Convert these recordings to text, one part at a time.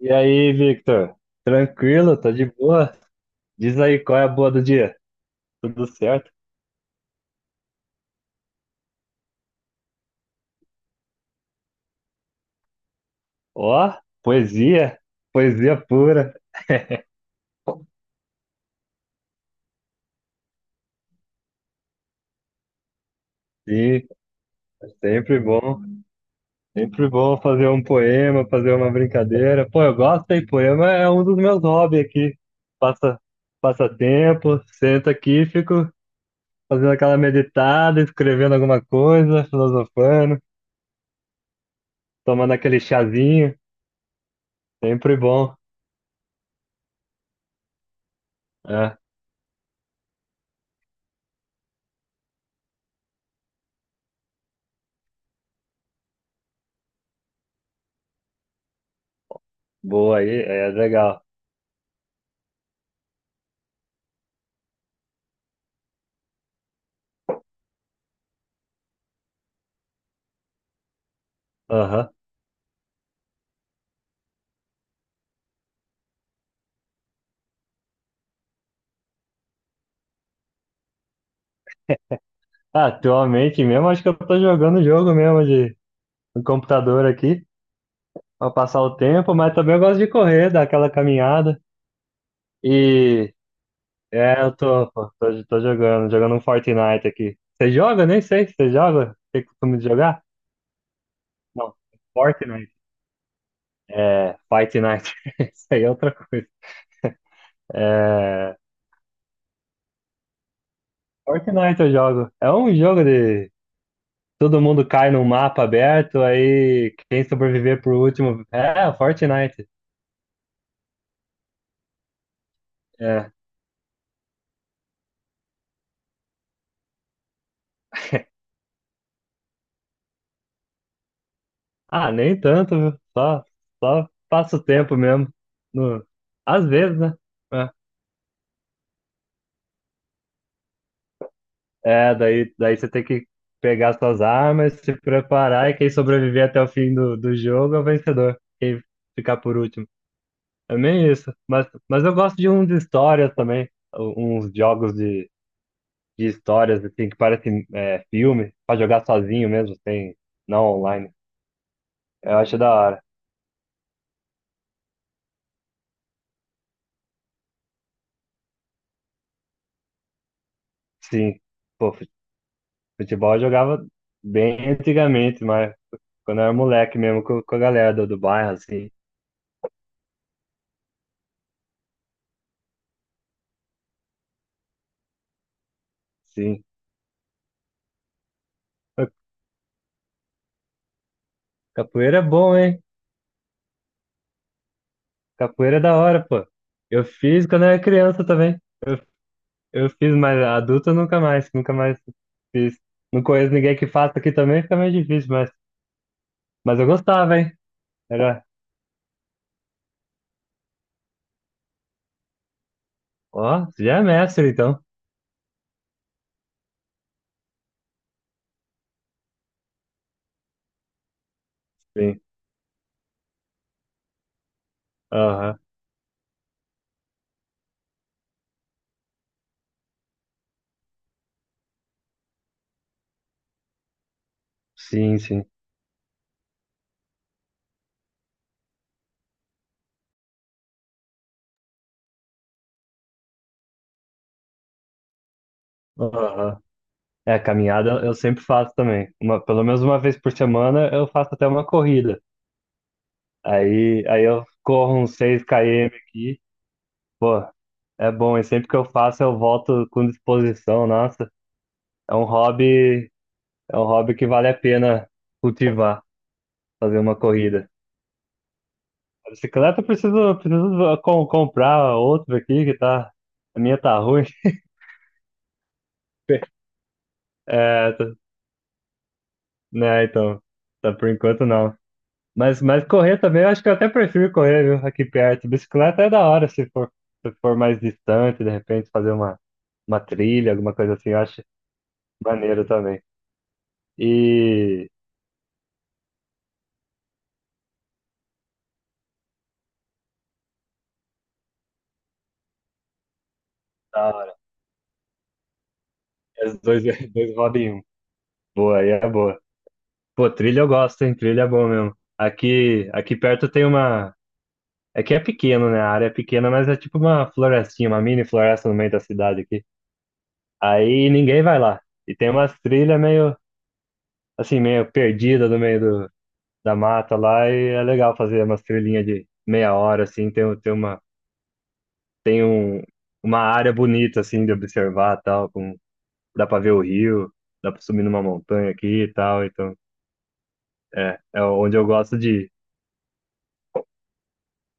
E aí, Victor? Tranquilo? Tá de boa? Diz aí qual é a boa do dia? Tudo certo? Ó, poesia, poesia pura. Sim, é sempre bom fazer um poema, fazer uma brincadeira. Pô, eu gosto, hein? Poema é um dos meus hobbies aqui. Passa, passa tempo, sento aqui, fico fazendo aquela meditada, escrevendo alguma coisa, filosofando, tomando aquele chazinho. Sempre bom. É, boa aí, é legal. Aham. Ah, atualmente mesmo, acho que eu tô jogando jogo mesmo de no computador aqui, pra passar o tempo, mas também eu gosto de correr, dar aquela caminhada. E é, eu tô, pô, tô, tô jogando um Fortnite aqui. Você joga? Nem sei se você joga. Tem costume de jogar? Não, Fortnite. É, Fight Night. Isso aí é outra coisa. É, Fortnite eu jogo. É um jogo de todo mundo cai num mapa aberto, aí quem sobreviver por último. É, Fortnite. É. Ah, nem tanto, viu? Só passa o tempo mesmo. No... Às vezes, né? É, É, daí você tem que pegar suas armas, se preparar e quem sobreviver até o fim do jogo é o vencedor. Quem ficar por último. É meio isso. Mas eu gosto de uns de histórias também. Uns jogos de histórias, assim, que parecem é, filme, pra jogar sozinho mesmo, sem, não online. Eu acho da hora. Sim. Pô, futebol eu jogava bem antigamente, mas. Quando eu era moleque mesmo, com a galera do bairro, assim. Sim. Pô, capoeira é bom, hein? Capoeira é da hora, pô. Eu fiz quando eu era criança também. Eu, eu fiz, mas adulto eu nunca mais, nunca mais fiz. Não conheço ninguém que faça aqui também, fica meio difícil, mas eu gostava, hein? Era, ó, você já é mestre, então. Sim. Aham. Sim, sim. Aham. É, caminhada eu sempre faço também. Pelo menos uma vez por semana eu faço até uma corrida. Aí eu corro uns 6 km aqui. Pô, é bom, e sempre que eu faço eu volto com disposição, nossa. É um hobby, é um hobby que vale a pena cultivar, fazer uma corrida. A bicicleta eu preciso comprar outra aqui que tá, a minha tá ruim. É, né, então, tá por enquanto não. Mas correr também, eu acho que eu até prefiro correr, viu, aqui perto. Bicicleta é da hora se for, mais distante, de repente fazer uma trilha, alguma coisa assim, eu acho maneiro também. E da hora. Os dois, dois rodam em um. Boa, aí é boa. Pô, trilha eu gosto, hein? Trilha é bom mesmo. Aqui perto tem uma. É que é pequeno, né? A área é pequena, mas é tipo uma florestinha, uma mini floresta no meio da cidade aqui. Aí ninguém vai lá. E tem umas trilhas meio, assim, meio perdida no meio do, da mata lá. E é legal fazer umas trilhinhas de meia hora, assim. Tem, um tem uma, tem um, uma área bonita, assim, de observar tal. Com, dá pra ver o rio, dá pra subir numa montanha aqui e tal. Então. É, onde eu gosto de ir.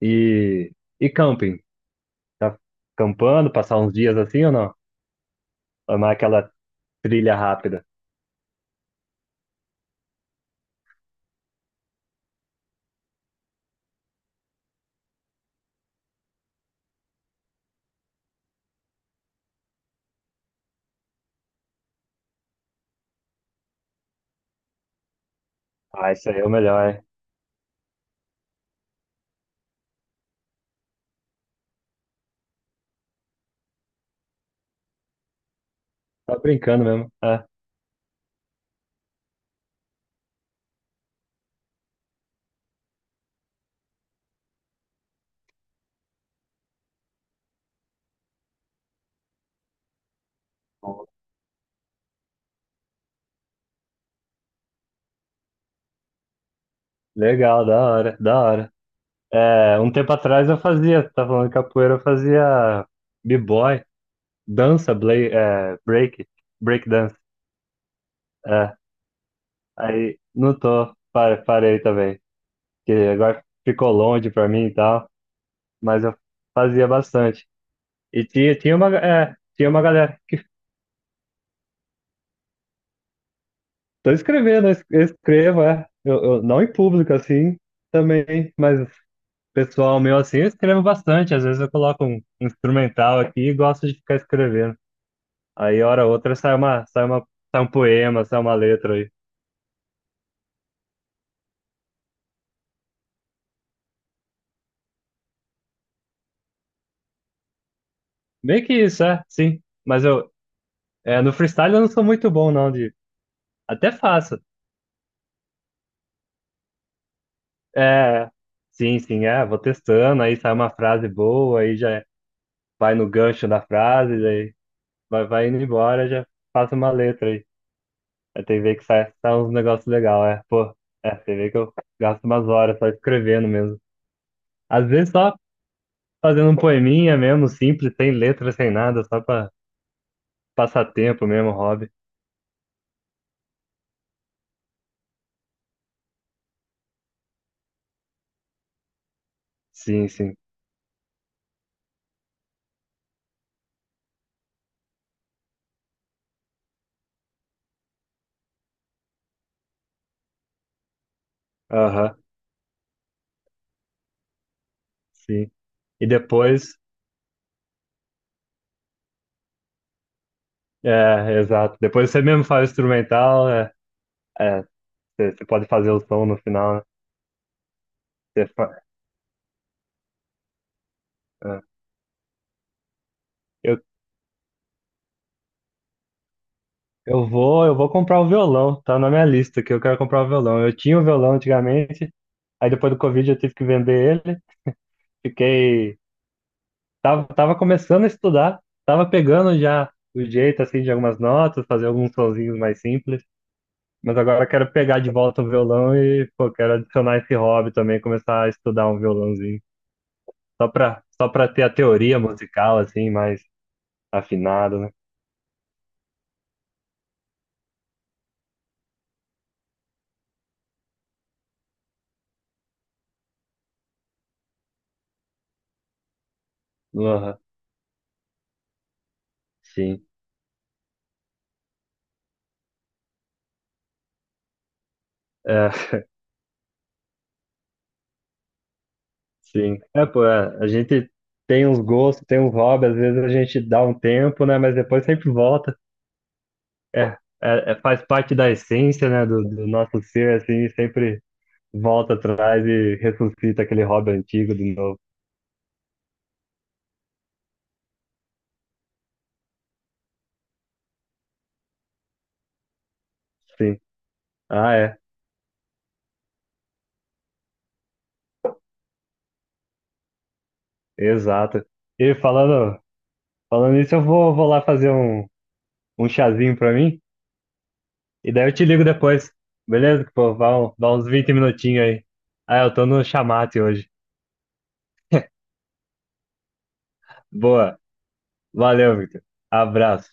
E, e camping? Tá campando, passar uns dias assim ou não? Ou não é aquela trilha rápida? Ah, isso aí é o melhor, é. Tá brincando mesmo. É. Legal, da hora, da hora. É, um tempo atrás eu fazia, tá falando de capoeira, eu fazia b-boy, dança, break dance. É, aí não tô, parei também, que agora ficou longe pra mim e tal, mas eu fazia bastante. E tinha uma galera. Tô escrevendo, eu escrevo, é. Não em público, assim, também, mas pessoal meu, assim, eu escrevo bastante. Às vezes eu coloco um instrumental aqui e gosto de ficar escrevendo. Aí, hora ou outra, sai um poema, sai uma letra aí. Meio que isso, é, sim. Mas no freestyle eu não sou muito bom, não, de... Até faço. É, sim, sim, vou testando, aí sai uma frase boa, aí já vai no gancho da frase, vai indo embora, já faço uma letra aí. A TV que sai uns negócios legais, é. Pô, TV que eu gasto umas horas só escrevendo mesmo. Às vezes só fazendo um poeminha mesmo, simples, sem letra, sem nada, só pra passar tempo mesmo, hobby. Sim, sim. Aham, sim. E depois, é, exato. Depois você mesmo faz o instrumental, é, você pode fazer o som no final, né? Você fa- é. Eu, eu vou comprar o violão, tá na minha lista que eu quero comprar o violão. Eu tinha o violão antigamente, aí depois do Covid eu tive que vender ele. Fiquei. Tava começando a estudar, tava pegando já o jeito assim de algumas notas, fazer alguns sonzinhos mais simples. Mas agora eu quero pegar de volta o violão e, pô, quero adicionar esse hobby também, começar a estudar um violãozinho. Só pra ter a teoria musical, assim, mais afinada, né? Aham, sim. É, sim. É, pô, é, a gente tem uns gostos, tem uns hobbies, às vezes a gente dá um tempo, né? Mas depois sempre volta. Faz parte da essência, né, do nosso ser, assim, sempre volta atrás e ressuscita aquele hobby antigo de novo. Sim. Ah, é, exato. E falando isso, vou lá fazer um chazinho pra mim e daí eu te ligo depois, beleza? Pô, dá uns 20 minutinhos aí. Ah, eu tô no chamate hoje. Boa, valeu, Victor. Abraço.